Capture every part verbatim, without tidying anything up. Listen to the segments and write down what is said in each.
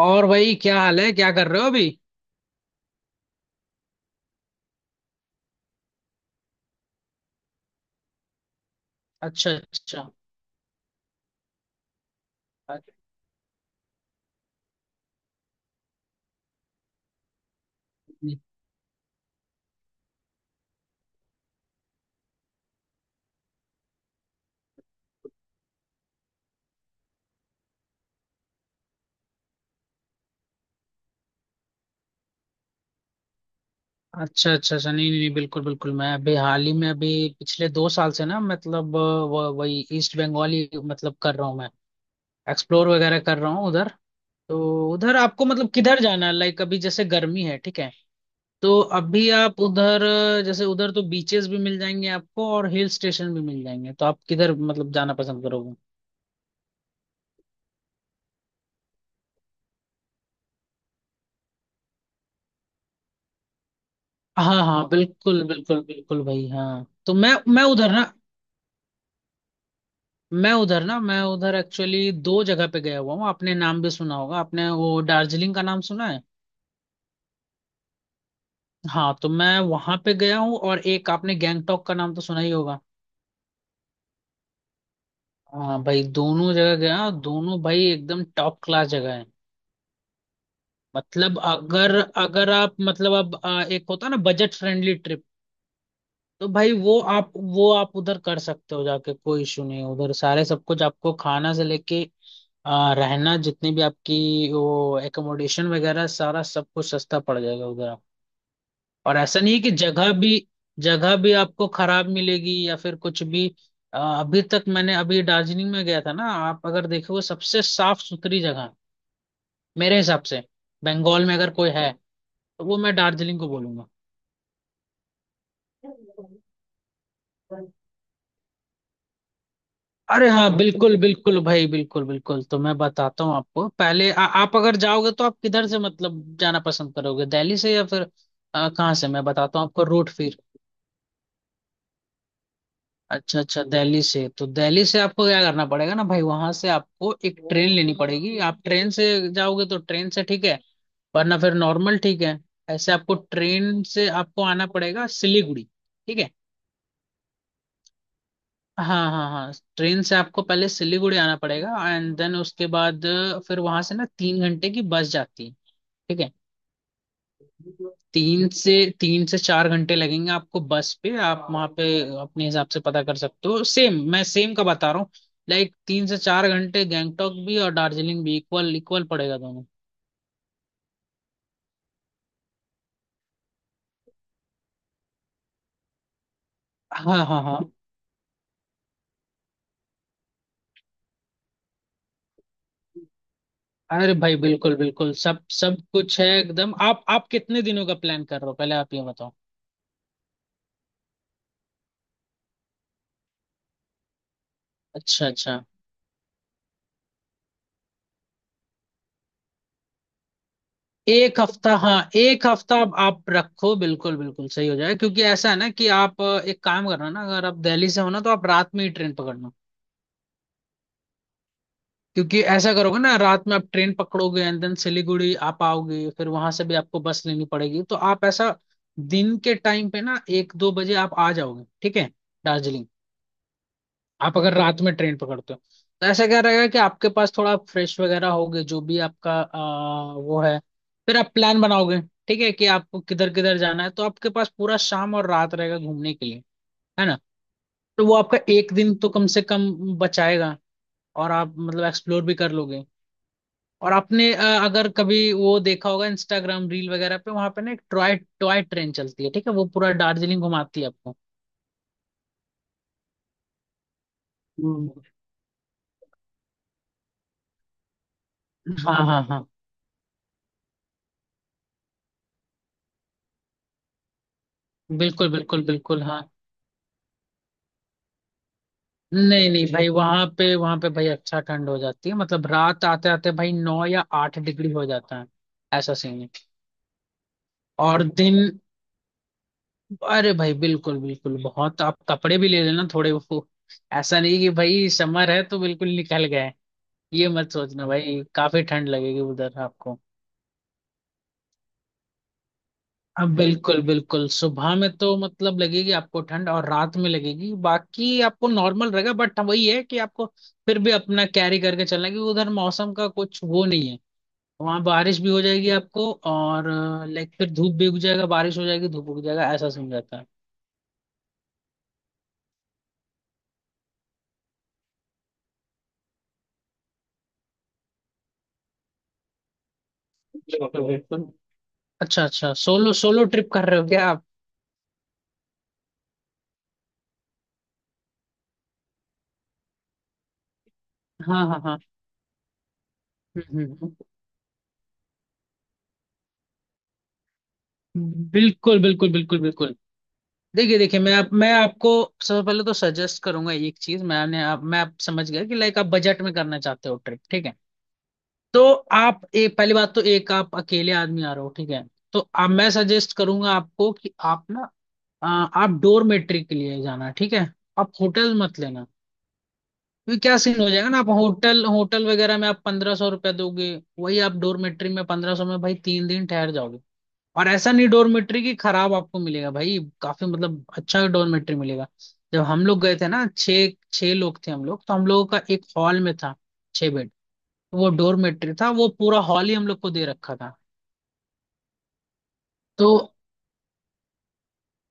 और भाई, क्या हाल है? क्या कर रहे हो अभी? अच्छा अच्छा अच्छा अच्छा अच्छा। नहीं नहीं नहीं, बिल्कुल बिल्कुल। मैं अभी हाल ही में, अभी पिछले दो साल से ना, मतलब अ, व- वही ईस्ट बंगाली मतलब कर रहा हूँ। मैं एक्सप्लोर वगैरह कर रहा हूँ उधर। तो उधर आपको मतलब किधर जाना है? लाइक अभी जैसे गर्मी है, ठीक है। तो अभी आप उधर अ, जैसे उधर तो बीचेस भी मिल जाएंगे आपको और हिल स्टेशन भी मिल जाएंगे। तो आप किधर मतलब जाना पसंद करोगे? हाँ हाँ, बिल्कुल बिल्कुल बिल्कुल भाई। हाँ, तो मैं मैं उधर ना मैं उधर ना मैं उधर एक्चुअली दो जगह पे गया हुआ हूँ। आपने नाम भी सुना होगा। आपने वो दार्जिलिंग का नाम सुना है? हाँ, तो मैं वहां पे गया हूँ। और एक आपने गैंगटॉक का नाम तो सुना ही होगा। हाँ भाई, दोनों जगह गया। दोनों भाई एकदम टॉप क्लास जगह है। मतलब अगर अगर आप मतलब अब, आ, एक होता है ना बजट फ्रेंडली ट्रिप। तो भाई वो आप, वो आप उधर कर सकते हो जाके, कोई इशू नहीं है। उधर सारे सब कुछ आपको खाना से लेके आ, रहना, जितनी भी आपकी वो एकोमोडेशन वगैरह, सारा सब कुछ सस्ता पड़ जाएगा उधर आप। और ऐसा नहीं है कि जगह भी, जगह भी आपको खराब मिलेगी या फिर कुछ भी। आ, अभी तक मैंने, अभी दार्जिलिंग में गया था ना। आप अगर देखोगे सबसे साफ सुथरी जगह है, मेरे हिसाब से। बंगाल में अगर कोई है तो वो मैं दार्जिलिंग को बोलूंगा। अरे हाँ, बिल्कुल बिल्कुल भाई, बिल्कुल बिल्कुल। तो मैं बताता हूँ आपको पहले, आ, आप अगर जाओगे तो आप किधर से मतलब जाना पसंद करोगे? दिल्ली से या फिर आ, कहाँ से? मैं बताता हूँ आपको रूट फिर। अच्छा अच्छा। दिल्ली से तो दिल्ली से आपको क्या करना पड़ेगा ना भाई, वहां से आपको एक ट्रेन लेनी पड़ेगी। आप ट्रेन से जाओगे तो ट्रेन से ठीक है, वरना फिर नॉर्मल ठीक है। ऐसे आपको ट्रेन से आपको आना पड़ेगा सिलीगुड़ी, ठीक है। हाँ हाँ हाँ। ट्रेन से आपको पहले सिलीगुड़ी आना पड़ेगा, एंड देन उसके बाद अ, फिर वहां से ना तीन घंटे की बस जाती है, ठीक है। तीन से तीन से चार घंटे लगेंगे आपको बस पे। आप वहां पे अपने हिसाब से पता कर सकते हो, सेम मैं सेम का बता रहा हूँ। लाइक तीन से चार घंटे, गैंगटॉक भी और दार्जिलिंग भी इक्वल इक्वल पड़ेगा दोनों। हाँ हाँ हाँ। अरे भाई बिल्कुल बिल्कुल, सब सब कुछ है एकदम। आप आप कितने दिनों का प्लान कर रहे हो? पहले आप ये बताओ। अच्छा अच्छा। एक हफ्ता, हाँ एक हफ्ता आप आप रखो, बिल्कुल बिल्कुल सही हो जाएगा। क्योंकि ऐसा है ना कि आप, अ, एक काम करना ना, अगर आप दिल्ली से हो ना तो आप रात में ही ट्रेन पकड़ना। क्योंकि ऐसा करोगे ना, रात में आप ट्रेन पकड़ोगे, एंड देन सिलीगुड़ी आप आओगे, फिर वहां से भी आपको बस लेनी पड़ेगी। तो आप ऐसा दिन के टाइम पे ना, एक दो बजे आप आ जाओगे, ठीक है, दार्जिलिंग। आप अगर रात में ट्रेन पकड़ते हो तो ऐसा क्या रहेगा कि आपके पास थोड़ा फ्रेश वगैरह होगे, जो भी आपका आ, वो है। फिर आप प्लान बनाओगे, ठीक है, कि आपको किधर किधर जाना है। तो आपके पास पूरा शाम और रात रहेगा घूमने के लिए, है ना। तो वो आपका एक दिन तो कम से कम बचाएगा, और आप मतलब एक्सप्लोर भी कर लोगे। और आपने अ, अगर कभी वो देखा होगा इंस्टाग्राम रील वगैरह पे, वहां पे ना एक टॉय टॉय ट्रेन चलती है, ठीक है, वो पूरा दार्जिलिंग घुमाती है आपको। हम्म, हाँ हाँ हाँ, बिल्कुल बिल्कुल बिल्कुल हाँ। नहीं नहीं भाई, वहां पे, वहां पे भाई अच्छा ठंड हो जाती है। मतलब रात आते आते भाई नौ या आठ डिग्री हो जाता है, ऐसा सीन है। और दिन, अरे भाई बिल्कुल बिल्कुल बहुत। आप कपड़े भी ले लेना थोड़े वो, ऐसा नहीं कि भाई समर है तो बिल्कुल निकल गए, ये मत सोचना भाई। काफी ठंड लगेगी उधर आपको। अब बिल्कुल बिल्कुल, सुबह में तो मतलब लगेगी आपको ठंड, और रात में लगेगी, बाकी आपको नॉर्मल रहेगा। बट वही है कि आपको फिर भी अपना कैरी करके चलना है, क्योंकि उधर मौसम का कुछ वो नहीं है। वहां बारिश भी हो जाएगी आपको, और लाइक फिर धूप भी उग जाएगा, बारिश हो जाएगी धूप उग जाएगा, ऐसा सीन रहता है। बिल्कुल बिल्कुल। अच्छा अच्छा, सोलो सोलो ट्रिप कर रहे हो क्या आप? हाँ हाँ हाँ। हम्म, हम्म, हम्म। बिल्कुल बिल्कुल बिल्कुल बिल्कुल। देखिए देखिए, मैं आप मैं आपको सबसे पहले तो सजेस्ट करूंगा एक चीज। मैंने आप मैं आप समझ गया कि लाइक आप बजट में करना चाहते हो ट्रिप, ठीक है। तो आप, एक पहली बात तो, एक आप अकेले आदमी आ रहे हो, ठीक है। तो आप, मैं सजेस्ट करूंगा आपको कि आप ना, आ, आप डोरमेट्री के लिए जाना, ठीक है। आप होटल मत लेना। क्योंकि क्या सीन हो जाएगा ना, आप होटल होटल वगैरह में आप पंद्रह सौ रुपया दोगे, वही आप डोरमेट्री में पंद्रह सौ में भाई तीन दिन ठहर जाओगे। और ऐसा नहीं डोरमेट्री की खराब आपको मिलेगा भाई, काफी मतलब अच्छा डोरमेट्री मिलेगा। जब हम लोग गए थे ना, छः छः लोग थे हम लोग, तो हम लोगों का एक हॉल में था छः बेड। तो वो डोरमेट्री था, वो पूरा हॉल ही हम लोग को दे रखा था। तो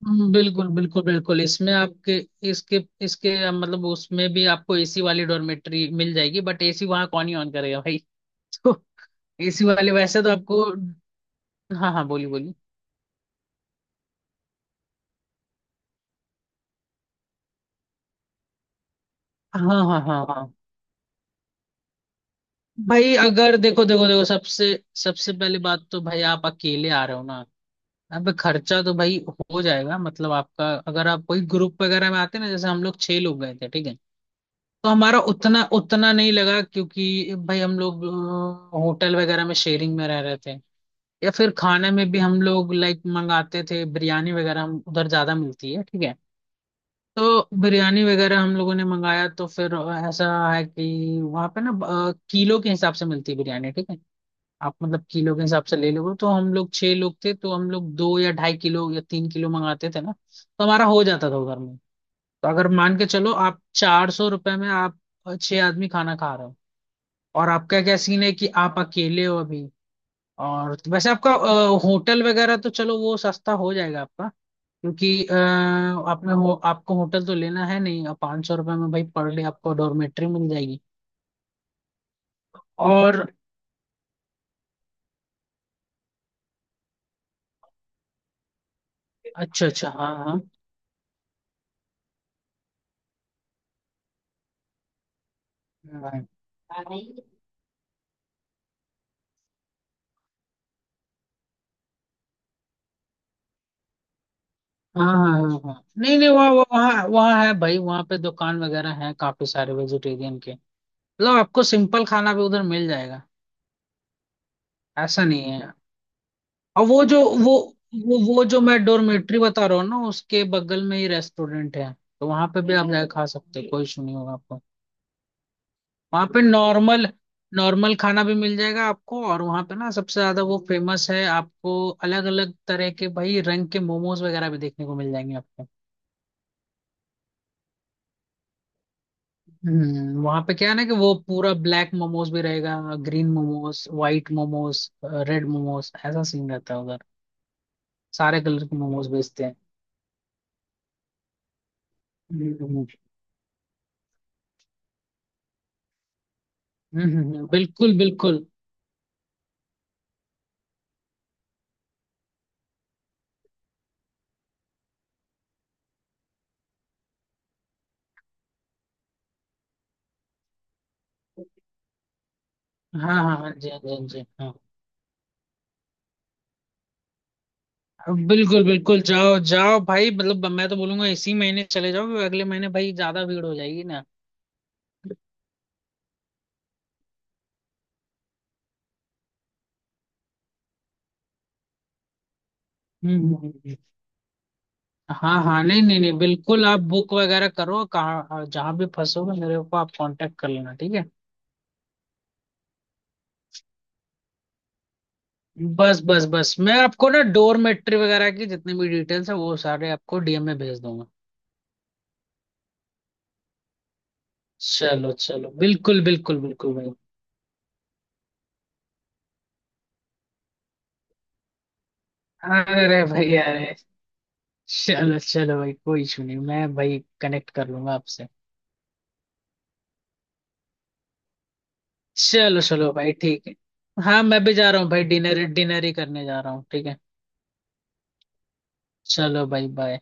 हम्म, बिल्कुल बिल्कुल बिल्कुल। इसमें आपके, इसके इसके अ, मतलब उसमें भी आपको एसी वाली डॉर्मेट्री मिल जाएगी, बट एसी वहां कौन ही ऑन करेगा भाई तो एसी वाले वैसे तो आपको, हाँ हाँ, बोलिए बोलिए। हाँ हाँ हाँ हाँ भाई, अगर देखो देखो देखो, सबसे सबसे पहली बात तो भाई आप अकेले आ रहे हो ना, अब खर्चा तो भाई हो जाएगा मतलब आपका। अगर आप कोई ग्रुप वगैरह में आते ना, जैसे हम लोग छह लोग गए थे, ठीक है। तो हमारा उतना उतना नहीं लगा, क्योंकि भाई हम लोग अ, होटल वगैरह में शेयरिंग में रह रहे थे। या फिर खाने में भी हम लोग लाइक मंगाते थे बिरयानी वगैरह, हम उधर ज्यादा मिलती है, ठीक है। तो बिरयानी वगैरह हम लोगों ने मंगाया, तो फिर ऐसा है कि वहाँ पे ना अ, किलो के हिसाब से मिलती है बिरयानी, ठीक है। आप मतलब किलो के हिसाब से ले लोगे तो, हम लोग छह लोग थे, तो हम लोग दो या ढाई किलो या तीन किलो मंगाते थे ना, तो हमारा हो जाता था उधर में। तो अगर मान के चलो आप चार सौ रुपये में आप अ, छह आदमी खाना खा रहे हो। और आपका क्या सीन है कि आप अकेले हो अभी, और तो वैसे आपका अ, होटल वगैरह तो चलो वो सस्ता हो जाएगा आपका। क्योंकि अ, आपने हो आपको होटल तो लेना है नहीं, अब पाँच सौ रुपये में भाई पर डे आपको डॉर्मेट्री मिल जाएगी। और अच्छा अच्छा, हाँ हाँ हाँ हाँ हाँ हाँ हाँ। नहीं नहीं, वहाँ वहाँ वहाँ वहाँ है भाई, वहाँ पे दुकान वगैरह है काफी सारे वेजिटेरियन के। मतलब आपको सिंपल खाना भी उधर मिल जाएगा, ऐसा नहीं है। और वो जो वो वो वो जो मैं डोरमेट्री बता रहा हूँ ना, उसके बगल में ही रेस्टोरेंट है। तो वहां पे भी आप जाके खा सकते हो, कोई इशू नहीं होगा आपको। वहां पे नॉर्मल नॉर्मल खाना भी मिल जाएगा आपको। और वहां पे ना सबसे ज्यादा वो फेमस है, आपको अलग अलग तरह के भाई रंग के मोमोज वगैरह भी देखने को मिल जाएंगे आपको। हम्म वहां पे क्या है ना कि वो पूरा ब्लैक मोमोज भी रहेगा, green momos, white momos, red momos, ऐसा सीन रहता है उधर, सारे कलर के मोमोज बेचते हैं। हम्म हम्म, हम्म, हम्म, बिल्कुल बिल्कुल। हाँ हाँ हाँ जी, हाँ जी, हाँ जी। हाँ बिल्कुल बिल्कुल, जाओ जाओ भाई, मतलब मैं तो बोलूंगा इसी महीने चले जाओ, क्योंकि अगले महीने भाई ज्यादा भीड़ हो जाएगी ना। हम्म हम्म, हम्म। हाँ हाँ, नहीं नहीं नहीं, बिल्कुल आप बुक वगैरह करो, कहाँ हाँ, जहाँ भी फंसोगे मेरे को आप कांटेक्ट कर लेना, ठीक है। बस बस बस, मैं आपको ना डोरमेट्री वगैरह की जितनी भी डिटेल्स है वो सारे आपको डीएम में भेज दूंगा। चलो चलो बिल्कुल बिल्कुल बिल्कुल भाई। अरे भाई, अरे चलो चलो भाई, कोई इशू नहीं, मैं भाई कनेक्ट कर लूंगा आपसे। चलो चलो भाई ठीक है। हाँ मैं भी जा रहा हूँ भाई, डिनर डिनर ही करने जा रहा हूँ, ठीक है। चलो भाई बाय।